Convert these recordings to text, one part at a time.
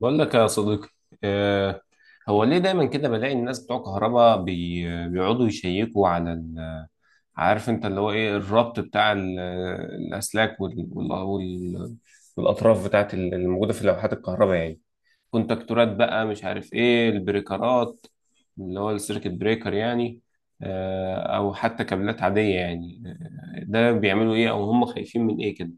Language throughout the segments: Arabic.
بقول لك يا صديقي. آه، هو ليه دايما كده بلاقي الناس بتوع كهرباء بيقعدوا يشيكوا على عارف انت اللي هو ايه الربط بتاع الاسلاك والاطراف بتاعت الموجوده في لوحات الكهرباء يعني، كونتاكتورات بقى مش عارف ايه البريكرات اللي هو السيركت بريكر يعني. او حتى كابلات عاديه يعني، ده بيعملوا ايه او هم خايفين من ايه كده؟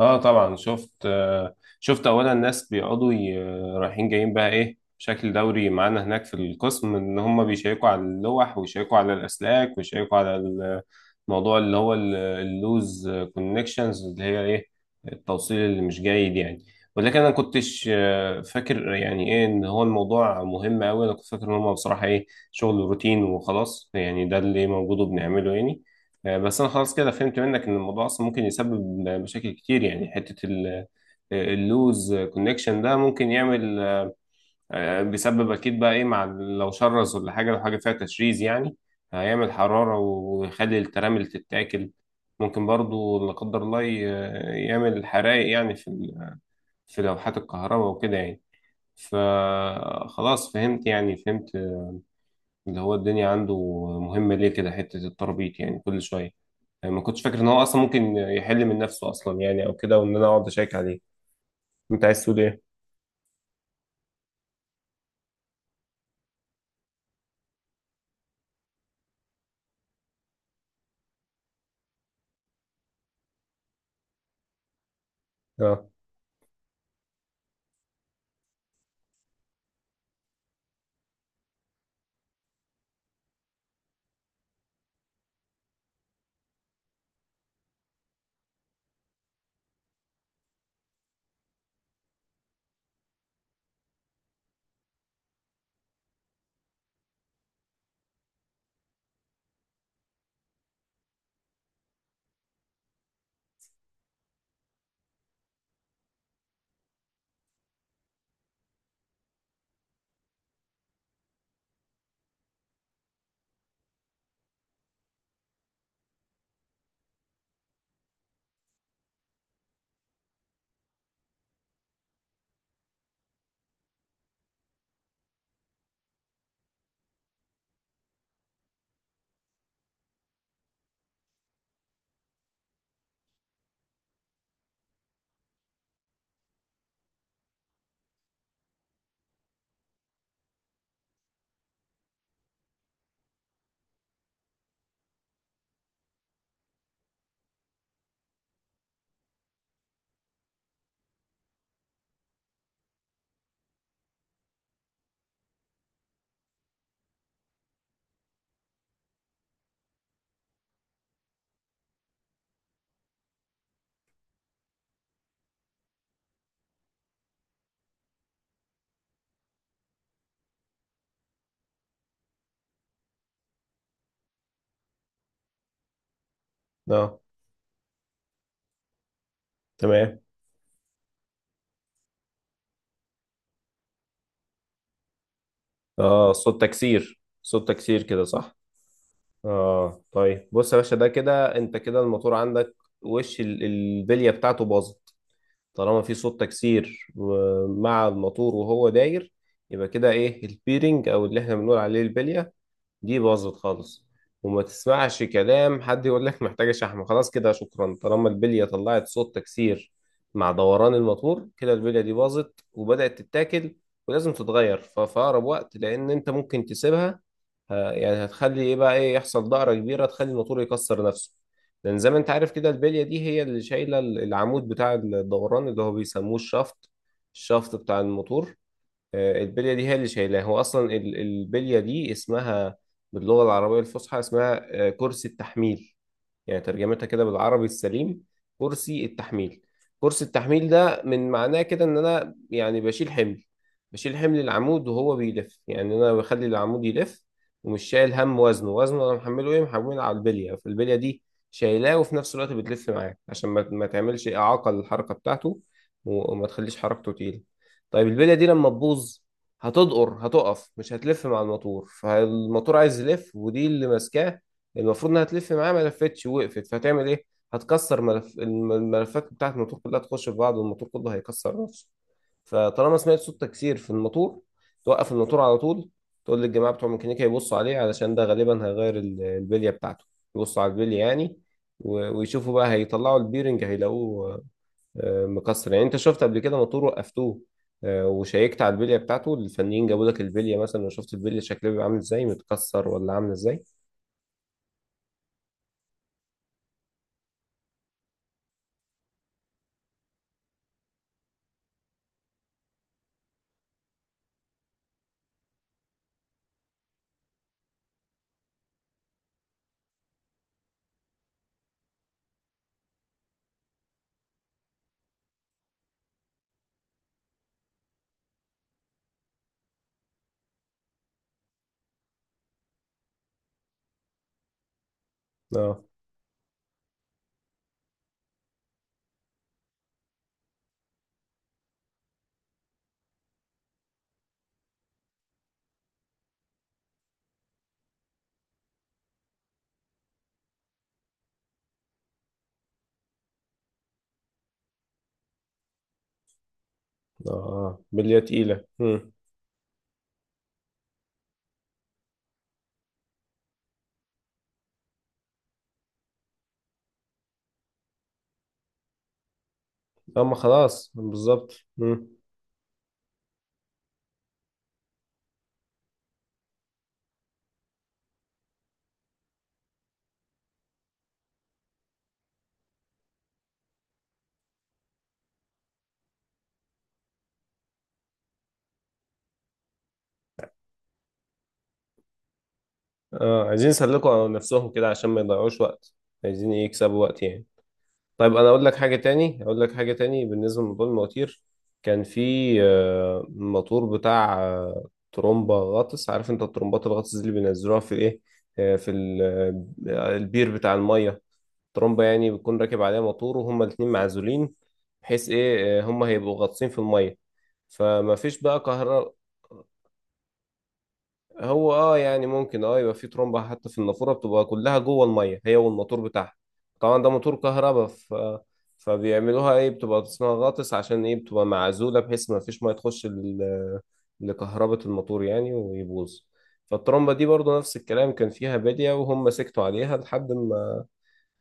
اه طبعا شفت. شفت اولا الناس رايحين جايين بقى ايه بشكل دوري معانا هناك في القسم ان هم بيشيكوا على اللوح ويشيكوا على الاسلاك ويشيكوا على الموضوع اللي هو اللوز كونكشنز اللي هي ايه، التوصيل اللي مش جيد يعني. ولكن انا كنتش فاكر يعني ايه ان هو الموضوع مهم قوي، انا كنت فاكر ان هم بصراحة ايه، شغل روتين وخلاص يعني، ده اللي موجود وبنعمله يعني. بس انا خلاص كده فهمت منك ان الموضوع اصلا ممكن يسبب مشاكل كتير يعني، حته اللوز كونكشن ده ممكن يعمل، بيسبب اكيد بقى ايه مع لو شرز ولا حاجه، لو حاجه فيها تشريز يعني هيعمل حراره ويخلي الترامل تتاكل. ممكن برضو لا قدر الله يعمل حرائق يعني في في لوحات الكهرباء وكده يعني. فخلاص فهمت يعني، فهمت اللي هو الدنيا عنده مهمه ليه كده، حته التربيط يعني كل شويه. يعني ما كنتش فاكر ان هو اصلا ممكن يحل من نفسه اصلا يعني، او كده، وان انا اقعد اشيك عليه. انت عايز تقول ايه؟ اه. اه تمام. اه، صوت تكسير، صوت تكسير كده، صح؟ اه طيب بص يا باشا، ده كده انت كده الموتور عندك وش البليه بتاعته باظت. طالما في صوت تكسير مع الموتور وهو داير، يبقى كده ايه، البيرنج او اللي احنا بنقول عليه البليه دي باظت خالص. وما تسمعش كلام حد يقول لك محتاجة شحم، خلاص كده شكرا. طالما البلية طلعت صوت تكسير مع دوران الموتور، كده البلية دي باظت وبدأت تتاكل ولازم تتغير في أقرب وقت، لأن أنت ممكن تسيبها يعني هتخلي إيه بقى، إيه يحصل، دائرة كبيرة تخلي الموتور يكسر نفسه. لأن زي ما أنت عارف كده البلية دي هي اللي شايلة العمود بتاع الدوران اللي هو بيسموه الشافت، الشافت بتاع الموتور. البليه دي هي اللي شايلاه. هو اصلا البليه دي اسمها باللغه العربيه الفصحى اسمها كرسي التحميل. يعني ترجمتها كده بالعربي السليم، كرسي التحميل. كرسي التحميل ده من معناه كده ان انا يعني بشيل حمل، بشيل حمل العمود وهو بيلف. يعني انا بخلي العمود يلف ومش شايل هم وزنه، وزنه انا محمله ايه، محمله على البليه. فالبليه دي شايلاه وفي نفس الوقت بتلف معاك عشان ما تعملش اعاقه للحركه بتاعته وما تخليش حركته تقيله. طيب البليه دي لما تبوظ هتدقر، هتقف مش هتلف مع الموتور، فالموتور عايز يلف ودي اللي ماسكاه، المفروض انها تلف معاه، ما لفتش وقفت، فهتعمل ايه؟ هتكسر ملف الملفات بتاعت الموتور كلها تخش في بعض والموتور كله هيكسر نفسه. فطالما سمعت صوت تكسير في الموتور، توقف الموتور على طول، تقول للجماعه بتوع ميكانيكا يبصوا عليه، علشان ده غالبا هيغير البليه بتاعته، يبصوا على البليه يعني. ويشوفوا بقى، هيطلعوا البيرنج هيلاقوه مكسر يعني. انت شفت قبل كده موتور وقفتوه، وشيكت على البليه بتاعته، الفنيين جابوا لك البليه مثلا وشفت البليه شكلها بيبقى عامل ازاي، متكسر ولا عامل ازاي؟ اه. اه بليه تقيله. اما خلاص بالظبط. اه عايزين يسلكوا نفسهم كده عشان ما يضيعوش وقت، عايزين إيه، يكسبوا وقت يعني. طيب انا اقول لك حاجه تاني، اقول لك حاجه تاني بالنسبه لموضوع المواتير. كان في موتور بتاع ترومبا غطس. عارف انت الترومبات الغطس دي اللي بينزلوها في ايه، في البير بتاع الميه. ترمبة يعني بيكون راكب عليها موتور وهما الاتنين معزولين، بحيث ايه، هما هيبقوا غاطسين في المية، فما فيش بقى كهرباء. هو اه يعني ممكن، اه يبقى في ترمبة حتى في النافورة بتبقى كلها جوه المية هي والموتور بتاعها. طبعا ده موتور كهرباء فبيعملوها ايه، بتبقى اسمها غاطس عشان ايه، بتبقى معزولة بحيث ما فيش مية تخش لكهربة الموتور يعني ويبوظ. فالترمبة دي برضو نفس الكلام، كان فيها بادية وهم سكتوا عليها لحد ما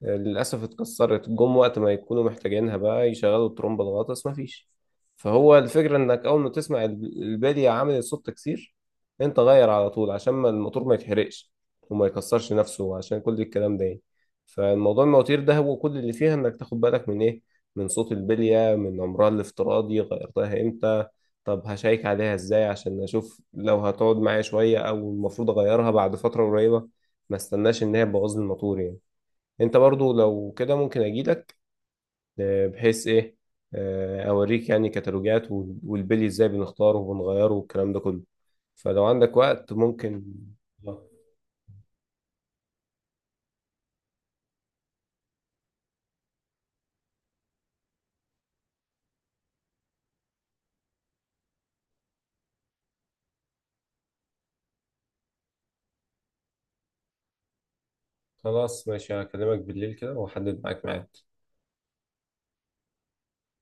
للأسف اتكسرت، جم وقت ما يكونوا محتاجينها بقى يشغلوا الترومبة الغطس، مفيش. فهو الفكرة إنك أول ما تسمع البادية عملت صوت تكسير، أنت غير على طول عشان ما الموتور ما يتحرقش وما يكسرش نفسه عشان كل الكلام ده يعني. فالموضوع المواتير ده هو كل اللي فيها إنك تاخد بالك من إيه، من صوت البلية، من عمرها الافتراضي، غيرتها إمتى، طب هشيك عليها إزاي عشان أشوف لو هتقعد معايا شوية أو المفروض أغيرها بعد فترة قريبة، ما استناش إن هي تبوظ لي الموتور يعني. انت برضو لو كده ممكن اجيلك، بحيث ايه، اوريك يعني كتالوجات والبلي ازاي بنختاره وبنغيره والكلام ده كله، فلو عندك وقت ممكن. آه، خلاص ماشي، هكلمك بالليل كده واحدد معاك ميعاد.